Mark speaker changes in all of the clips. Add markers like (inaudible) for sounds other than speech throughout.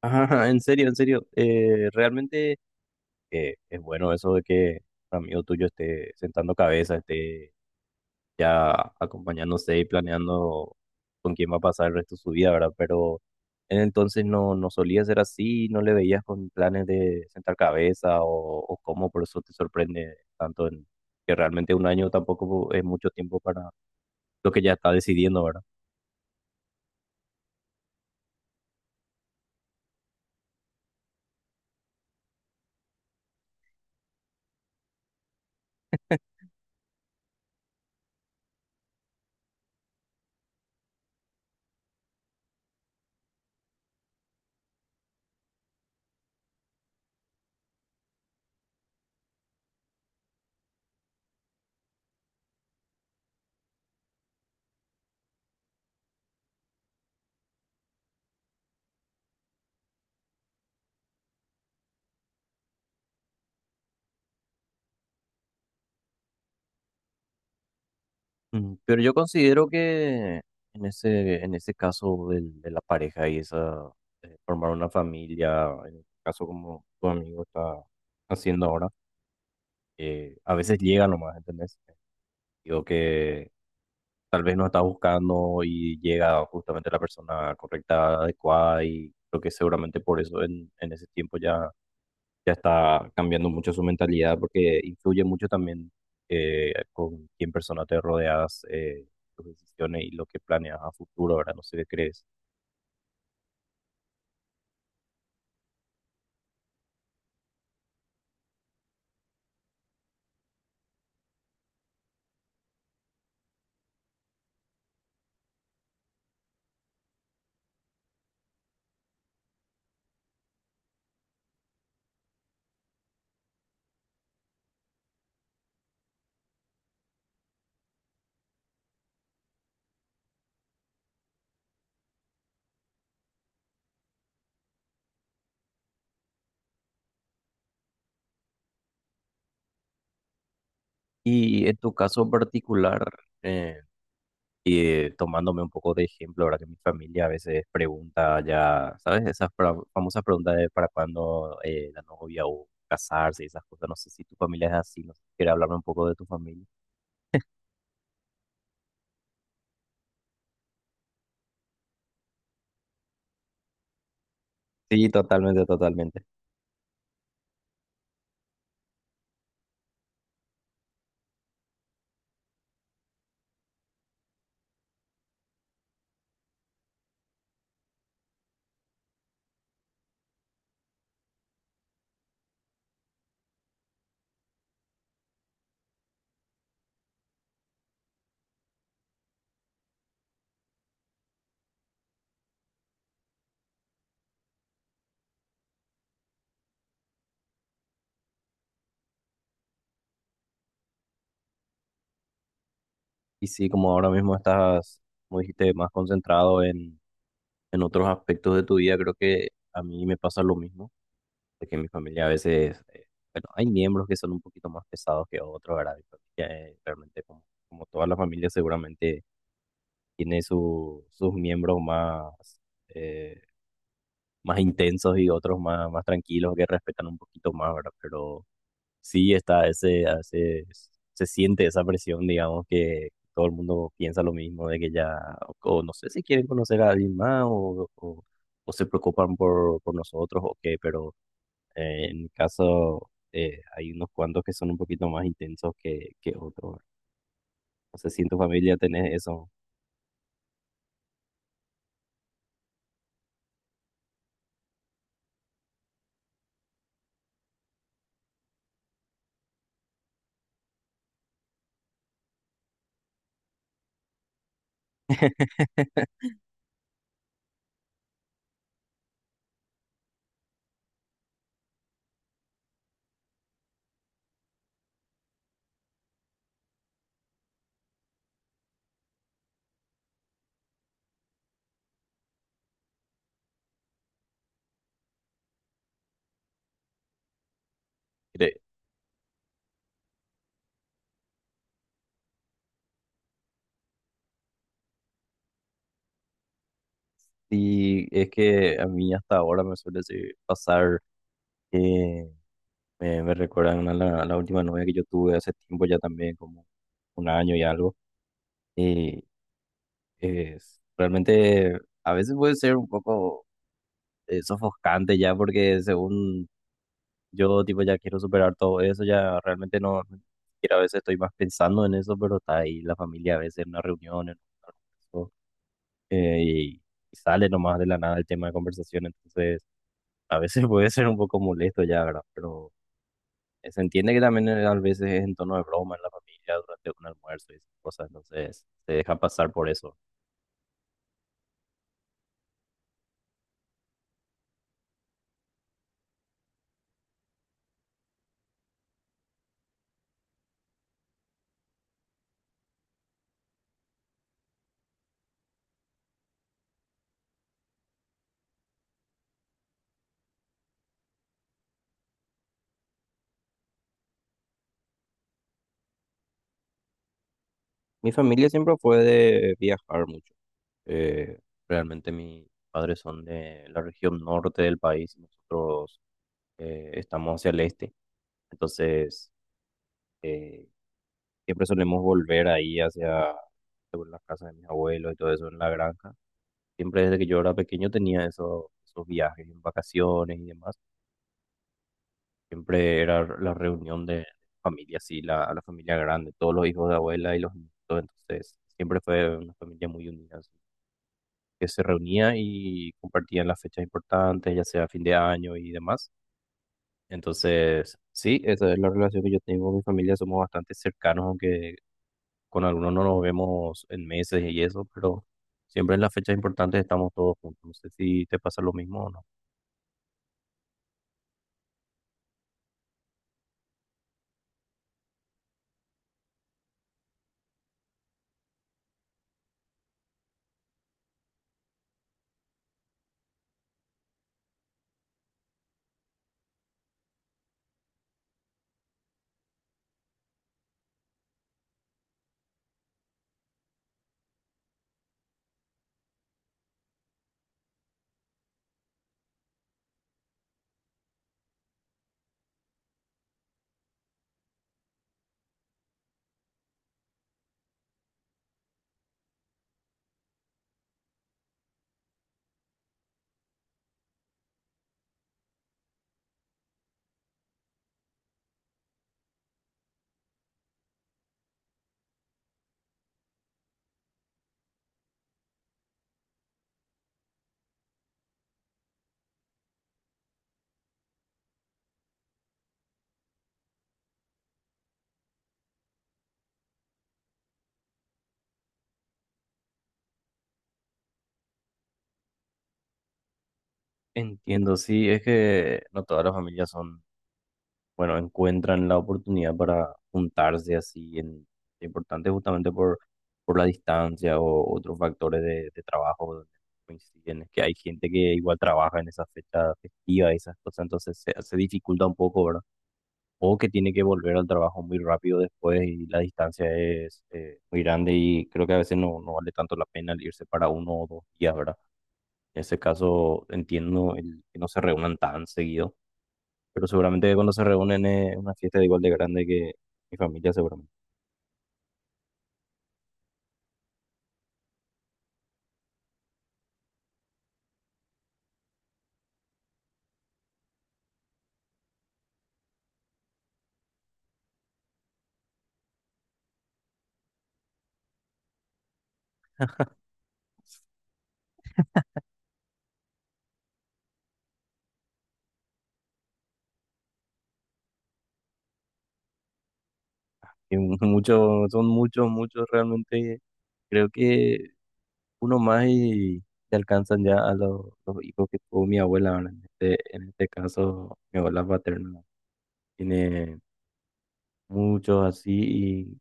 Speaker 1: Ajá, en serio, en serio. Realmente es bueno eso de que un amigo tuyo esté sentando cabeza, esté ya acompañándose y planeando con quién va a pasar el resto de su vida, ¿verdad? Pero en entonces no solía ser así, no le veías con planes de sentar cabeza o cómo, por eso te sorprende tanto en que realmente un año tampoco es mucho tiempo para lo que ya está decidiendo, ¿verdad? Mm, pero yo considero que en ese caso de la pareja y esa, formar una familia, en el caso como tu amigo está haciendo ahora, a veces llega nomás, ¿entendés? Digo que tal vez no está buscando y llega justamente la persona correcta, adecuada y creo que seguramente por eso en ese tiempo ya ya está cambiando mucho su mentalidad porque influye mucho también con quién persona te rodeas, tus decisiones y lo que planeas a futuro, ¿verdad? No sé qué crees. Y en tu caso en particular, eh, y tomándome un poco de ejemplo, ¿verdad? Que mi familia a veces pregunta ya, ¿sabes? Esas famosas preguntas de para cuándo la novia o casarse y esas cosas. No sé si tu familia es así, no sé si quieres hablarme un poco de tu familia. Sí, totalmente, totalmente. Y sí, como ahora mismo estás, como dijiste, más concentrado en otros aspectos de tu vida, creo que a mí me pasa lo mismo, de que en mi familia a veces, bueno, hay miembros que son un poquito más pesados que otros, ¿verdad? Mi familia, realmente, como, como toda la familia, seguramente tiene sus miembros más, eh, más intensos y otros más, más tranquilos que respetan un poquito más, ¿verdad? Pero sí está ese, a veces se siente esa presión, digamos, que todo el mundo piensa lo mismo, de que ya, o no sé si quieren conocer a alguien más, o se preocupan por nosotros, o qué, pero en mi caso hay unos cuantos que son un poquito más intensos que otros. No sé si en tu familia tenés eso. Cre- Y es que a mí hasta ahora me suele pasar que me recuerdan a a la última novia que yo tuve hace tiempo ya también, como un año y algo. Y es, realmente a veces puede ser un poco sofocante ya porque según yo tipo ya quiero superar todo eso, ya realmente ni siquiera a veces estoy más pensando en eso, pero está ahí la familia a veces en una reunión, en un almuerzo, eh, y, y sale nomás de la nada el tema de conversación, entonces a veces (laughs) puede ser un poco molesto ya, ¿verdad? Pero se entiende que también a veces es en tono de broma en la familia durante un almuerzo y esas cosas, entonces se deja pasar por eso. Mi familia siempre fue de viajar mucho. Eh, Realmente mis padres son de la región norte del país y nosotros estamos hacia el este. Entonces, eh, siempre solemos volver ahí hacia sobre las casas de mis abuelos y todo eso en la granja. Siempre desde que yo era pequeño tenía esos viajes en vacaciones y demás. Siempre era la reunión de familia, sí, la familia grande, todos los hijos de abuela y los nietos. Entonces, siempre fue una familia muy unida, que se reunía y compartían las fechas importantes, ya sea fin de año y demás. Entonces, sí, esa es la relación que yo tengo con mi familia, somos bastante cercanos, aunque con algunos no nos vemos en meses y eso, pero siempre en las fechas importantes estamos todos juntos. No sé si te pasa lo mismo o no. Entiendo, sí, es que no todas las familias son, bueno, encuentran la oportunidad para juntarse así en importante justamente por la distancia o otros factores de trabajo donde coinciden. Es que hay gente que igual trabaja en esa fecha festiva y esas cosas, entonces se dificulta un poco, ¿verdad? O que tiene que volver al trabajo muy rápido después y la distancia es muy grande y creo que a veces no vale tanto la pena el irse para uno o dos días, ¿verdad? En ese caso entiendo el que no se reúnan tan seguido, pero seguramente cuando se reúnen es una fiesta igual de grande que mi familia, seguramente. Y (laughs) muchos, son muchos, muchos realmente. Creo que uno más y se alcanzan ya a los hijos que tuvo mi abuela, ¿verdad? En este caso, mi abuela paterna tiene muchos así y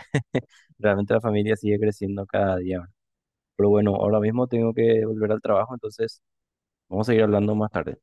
Speaker 1: (laughs) realmente la familia sigue creciendo cada día, ¿verdad? Pero bueno, ahora mismo tengo que volver al trabajo, entonces vamos a seguir hablando más tarde.